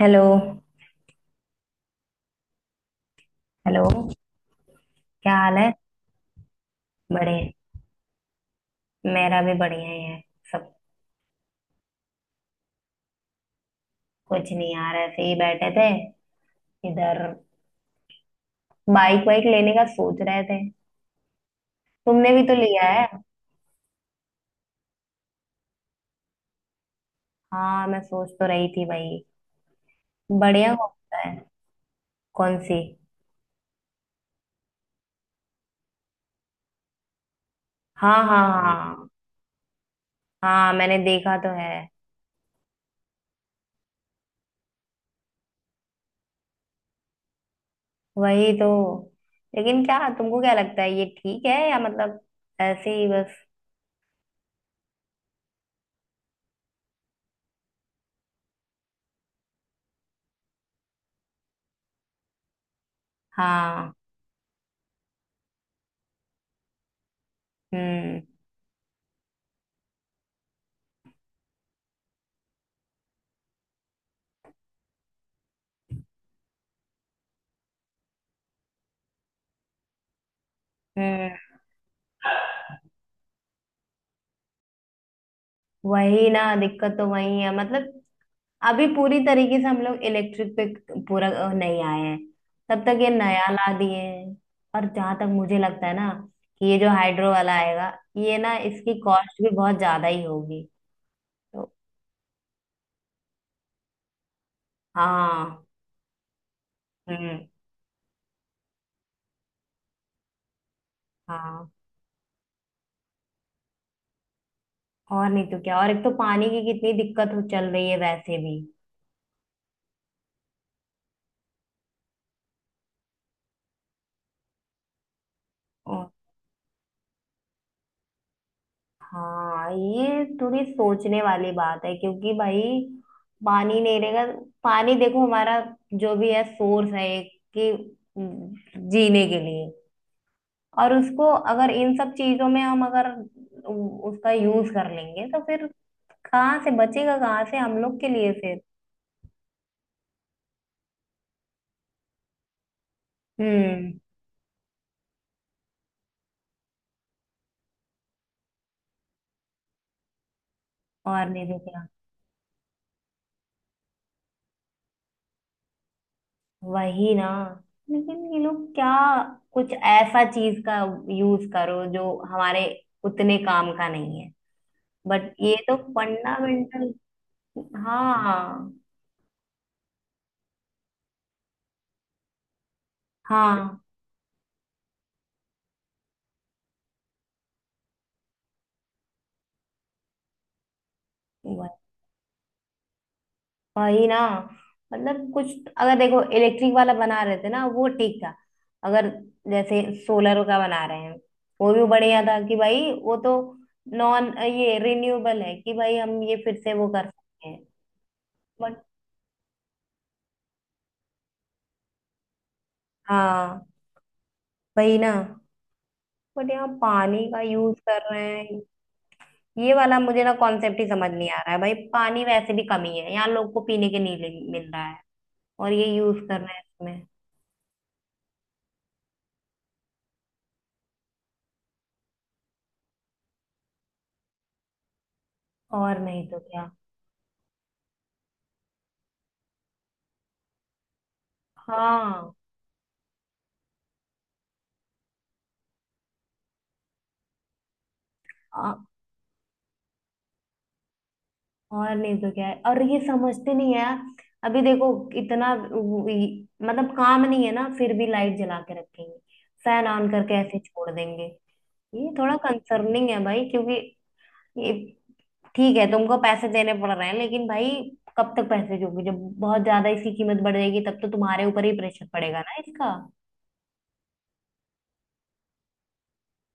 Hello. Hello. क्या हाल है? बड़े मेरा भी बढ़िया ही है। सब कुछ नहीं यार, ऐसे ही बैठे थे इधर। बाइक वाइक लेने का सोच रहे थे। तुमने भी तो लिया है। हाँ मैं सोच तो रही थी भाई, बढ़िया होता है। कौन सी? हाँ हाँ हाँ। हाँ मैंने देखा तो है। वही तो। लेकिन क्या तुमको क्या लगता है ये ठीक है, या मतलब ऐसे ही बस। हाँ। हम्म। हम्म। वही ना, दिक्कत तो वही है मतलब। अभी पूरी तरीके से हम लोग इलेक्ट्रिक पे पूरा नहीं आए हैं, तब तक ये नया ला दिए हैं। और जहां तक मुझे लगता है ना, कि ये जो हाइड्रो वाला आएगा, ये ना इसकी कॉस्ट भी बहुत ज्यादा ही होगी तो। हाँ। हम्म। हाँ और नहीं तो क्या, और एक तो पानी की कितनी दिक्कत हो चल रही है वैसे भी। हाँ ये थोड़ी सोचने वाली बात है क्योंकि भाई पानी नहीं रहेगा। पानी देखो हमारा जो भी है सोर्स है एक, कि जीने के लिए। और उसको अगर इन सब चीजों में हम अगर उसका यूज कर लेंगे तो फिर कहाँ से बचेगा, कहाँ से हम लोग के लिए फिर। हम्म। और नहीं तो क्या। वही ना। लेकिन ये लोग क्या, कुछ ऐसा चीज का यूज करो जो हमारे उतने काम का नहीं है, बट ये तो फंडामेंटल। हाँ। हाँ। वह- वही ना, मतलब कुछ अगर देखो, इलेक्ट्रिक वाला बना रहे थे ना वो ठीक था। अगर जैसे सोलर का बना रहे हैं, वो भी बढ़िया था कि भाई वो तो नॉन ये रिन्यूएबल है, कि भाई हम ये फिर से वो कर सकते हैं, बट। हाँ। वही ना, बट यहाँ पानी का यूज कर रहे हैं। ये वाला मुझे ना कॉन्सेप्ट ही समझ नहीं आ रहा है भाई, पानी वैसे भी कमी है यहाँ, लोग को पीने के नहीं मिल रहा है और ये यूज करना है इसमें। और नहीं तो क्या। हाँ आ- और नहीं तो क्या है, और ये समझते नहीं है यार। अभी देखो, इतना मतलब काम नहीं है ना, फिर भी लाइट जला के रखेंगे, फैन ऑन करके ऐसे छोड़ देंगे। ये थोड़ा कंसर्निंग है भाई क्योंकि ये, ठीक है तुमको पैसे देने पड़ रहे हैं लेकिन भाई कब तक पैसे दोगे? जब बहुत ज्यादा इसकी कीमत बढ़ जाएगी तब तो तुम्हारे ऊपर ही प्रेशर पड़ेगा ना इसका।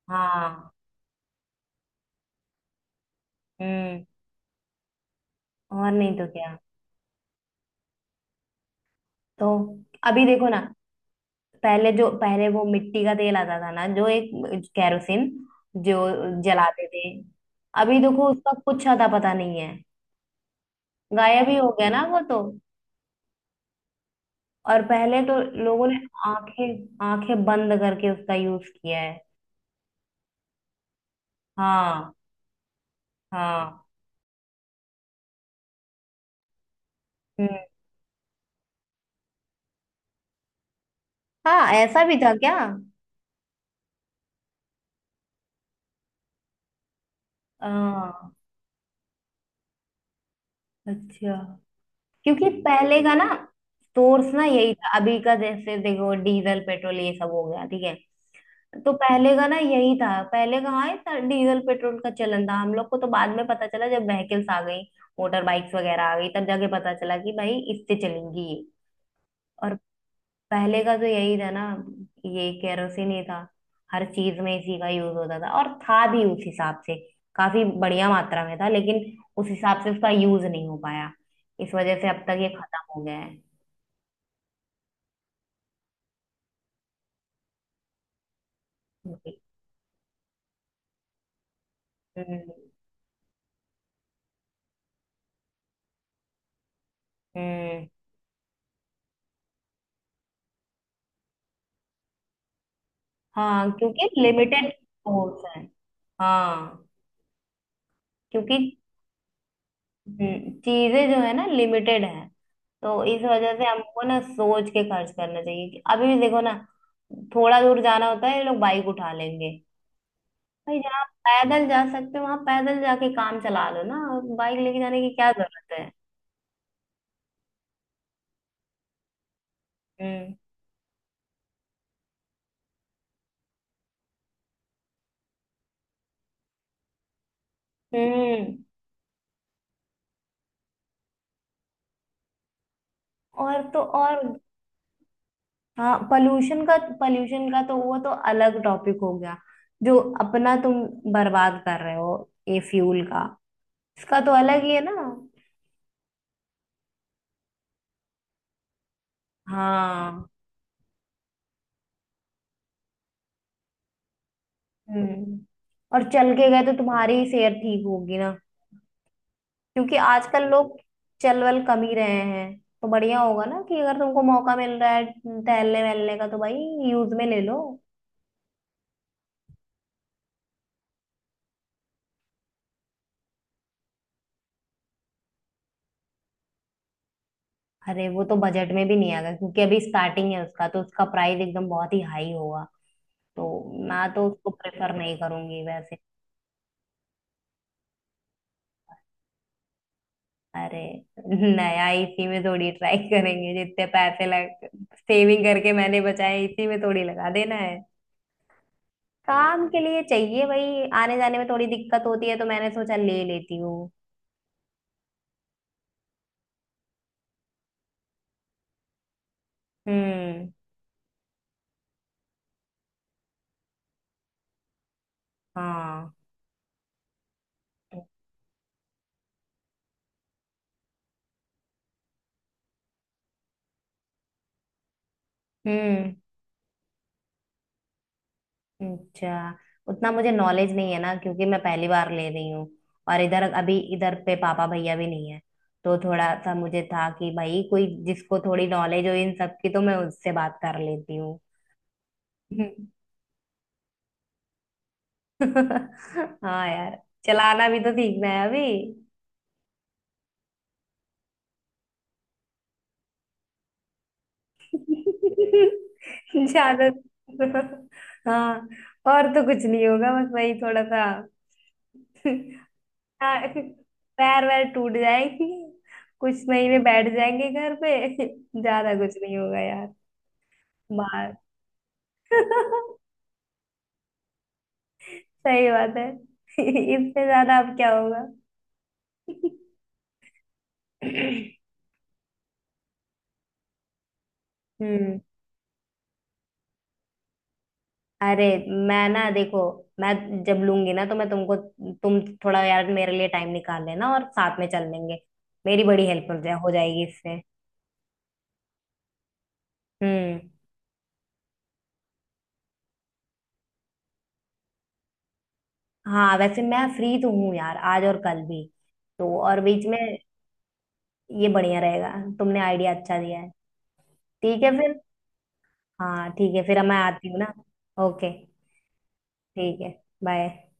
हाँ। हम्म। और नहीं तो क्या। तो अभी देखो ना, पहले जो पहले वो मिट्टी का तेल आता था ना, जो एक कैरोसिन, जो जलाते थे, अभी देखो उसका कुछ अता पता नहीं है। गायब ही हो गया ना वो तो। और पहले तो लोगों ने आंखें आंखें बंद करके उसका यूज किया है। हाँ। हाँ। हम्म। हाँ ऐसा भी था क्या? हाँ। अच्छा। क्योंकि पहले का ना सोर्स ना यही था। अभी का जैसे देखो डीजल पेट्रोल ये सब हो गया, ठीक है, तो पहले का ना यही था। पहले कहाँ इतना डीजल पेट्रोल का चलन था, हम लोग को तो बाद में पता चला जब व्हीकल्स आ गई, मोटर बाइक्स वगैरह आ गई, तब जाके पता चला कि भाई इससे चलेंगी ये। और पहले का तो यही था ना, ये केरोसिन ही था। हर चीज में इसी का यूज होता था, और था भी उस हिसाब से, काफी बढ़िया मात्रा में था, लेकिन उस हिसाब से उसका यूज नहीं हो पाया। इस वजह से अब तक ये खत्म हो गया है। हम्म। हम्म। हाँ क्योंकि लिमिटेड सोर्स है। हाँ क्योंकि चीजें जो है ना लिमिटेड है, तो इस वजह से हमको ना सोच के खर्च करना चाहिए। कि अभी भी देखो ना, थोड़ा दूर जाना होता है ये लोग बाइक उठा लेंगे। भाई जहाँ आप पैदल जा सकते हो वहां पैदल जाके काम चला लो ना, बाइक लेके जाने की क्या जरूरत है? हम्म। हम्म। और तो और, हाँ पॉल्यूशन का तो वो तो अलग टॉपिक हो गया। जो अपना तुम बर्बाद कर रहे हो ये फ्यूल का, इसका तो अलग ही है ना। हाँ। हम्म। और चल के गए तो तुम्हारी सेहत ठीक होगी ना, क्योंकि आजकल लोग चल वल कम ही रहे हैं, तो बढ़िया होगा ना कि अगर तुमको मौका मिल रहा है टहलने वहलने का, तो भाई यूज में ले लो। अरे वो तो बजट में भी नहीं आएगा क्योंकि अभी स्टार्टिंग है उसका, तो उसका प्राइस एकदम बहुत ही हाई होगा, तो मैं तो उसको प्रेफर नहीं करूंगी वैसे। अरे नया इसी में थोड़ी ट्राई करेंगे, जितने पैसे लग, सेविंग करके मैंने बचाए इसी में थोड़ी लगा देना है। काम के लिए चाहिए भाई, आने जाने में थोड़ी दिक्कत होती है तो मैंने सोचा ले लेती हूँ। हम्म। हाँ। हम्म। अच्छा, उतना मुझे नॉलेज नहीं है ना क्योंकि मैं पहली बार ले रही हूँ, और इधर अभी इधर पे पापा भैया भी नहीं है, तो थोड़ा सा मुझे था कि भाई कोई जिसको थोड़ी नॉलेज हो इन सब की, तो मैं उससे बात कर लेती हूँ। हाँ यार, चलाना भी तो सीखना है अभी। ज्यादा। हाँ और तो कुछ नहीं होगा बस वही थोड़ा सा। हाँ, पैर वैर टूट जाएंगे, कुछ महीने बैठ जाएंगे घर पे। ज्यादा कुछ नहीं होगा यार। बाहर। सही बात है। इससे ज्यादा अब क्या होगा? हम्म। अरे मैं ना देखो, मैं जब लूंगी ना तो मैं तुमको, तुम थोड़ा यार मेरे लिए टाइम निकाल लेना और साथ में चल लेंगे, मेरी बड़ी हेल्प हो जाएगी इससे। हम्म। हाँ वैसे मैं फ्री तो हूँ यार आज और कल भी, तो और बीच में ये बढ़िया रहेगा। तुमने आइडिया अच्छा दिया है। ठीक है फिर। हाँ ठीक है फिर मैं आती हूँ ना। ओके। ठीक है। बाय।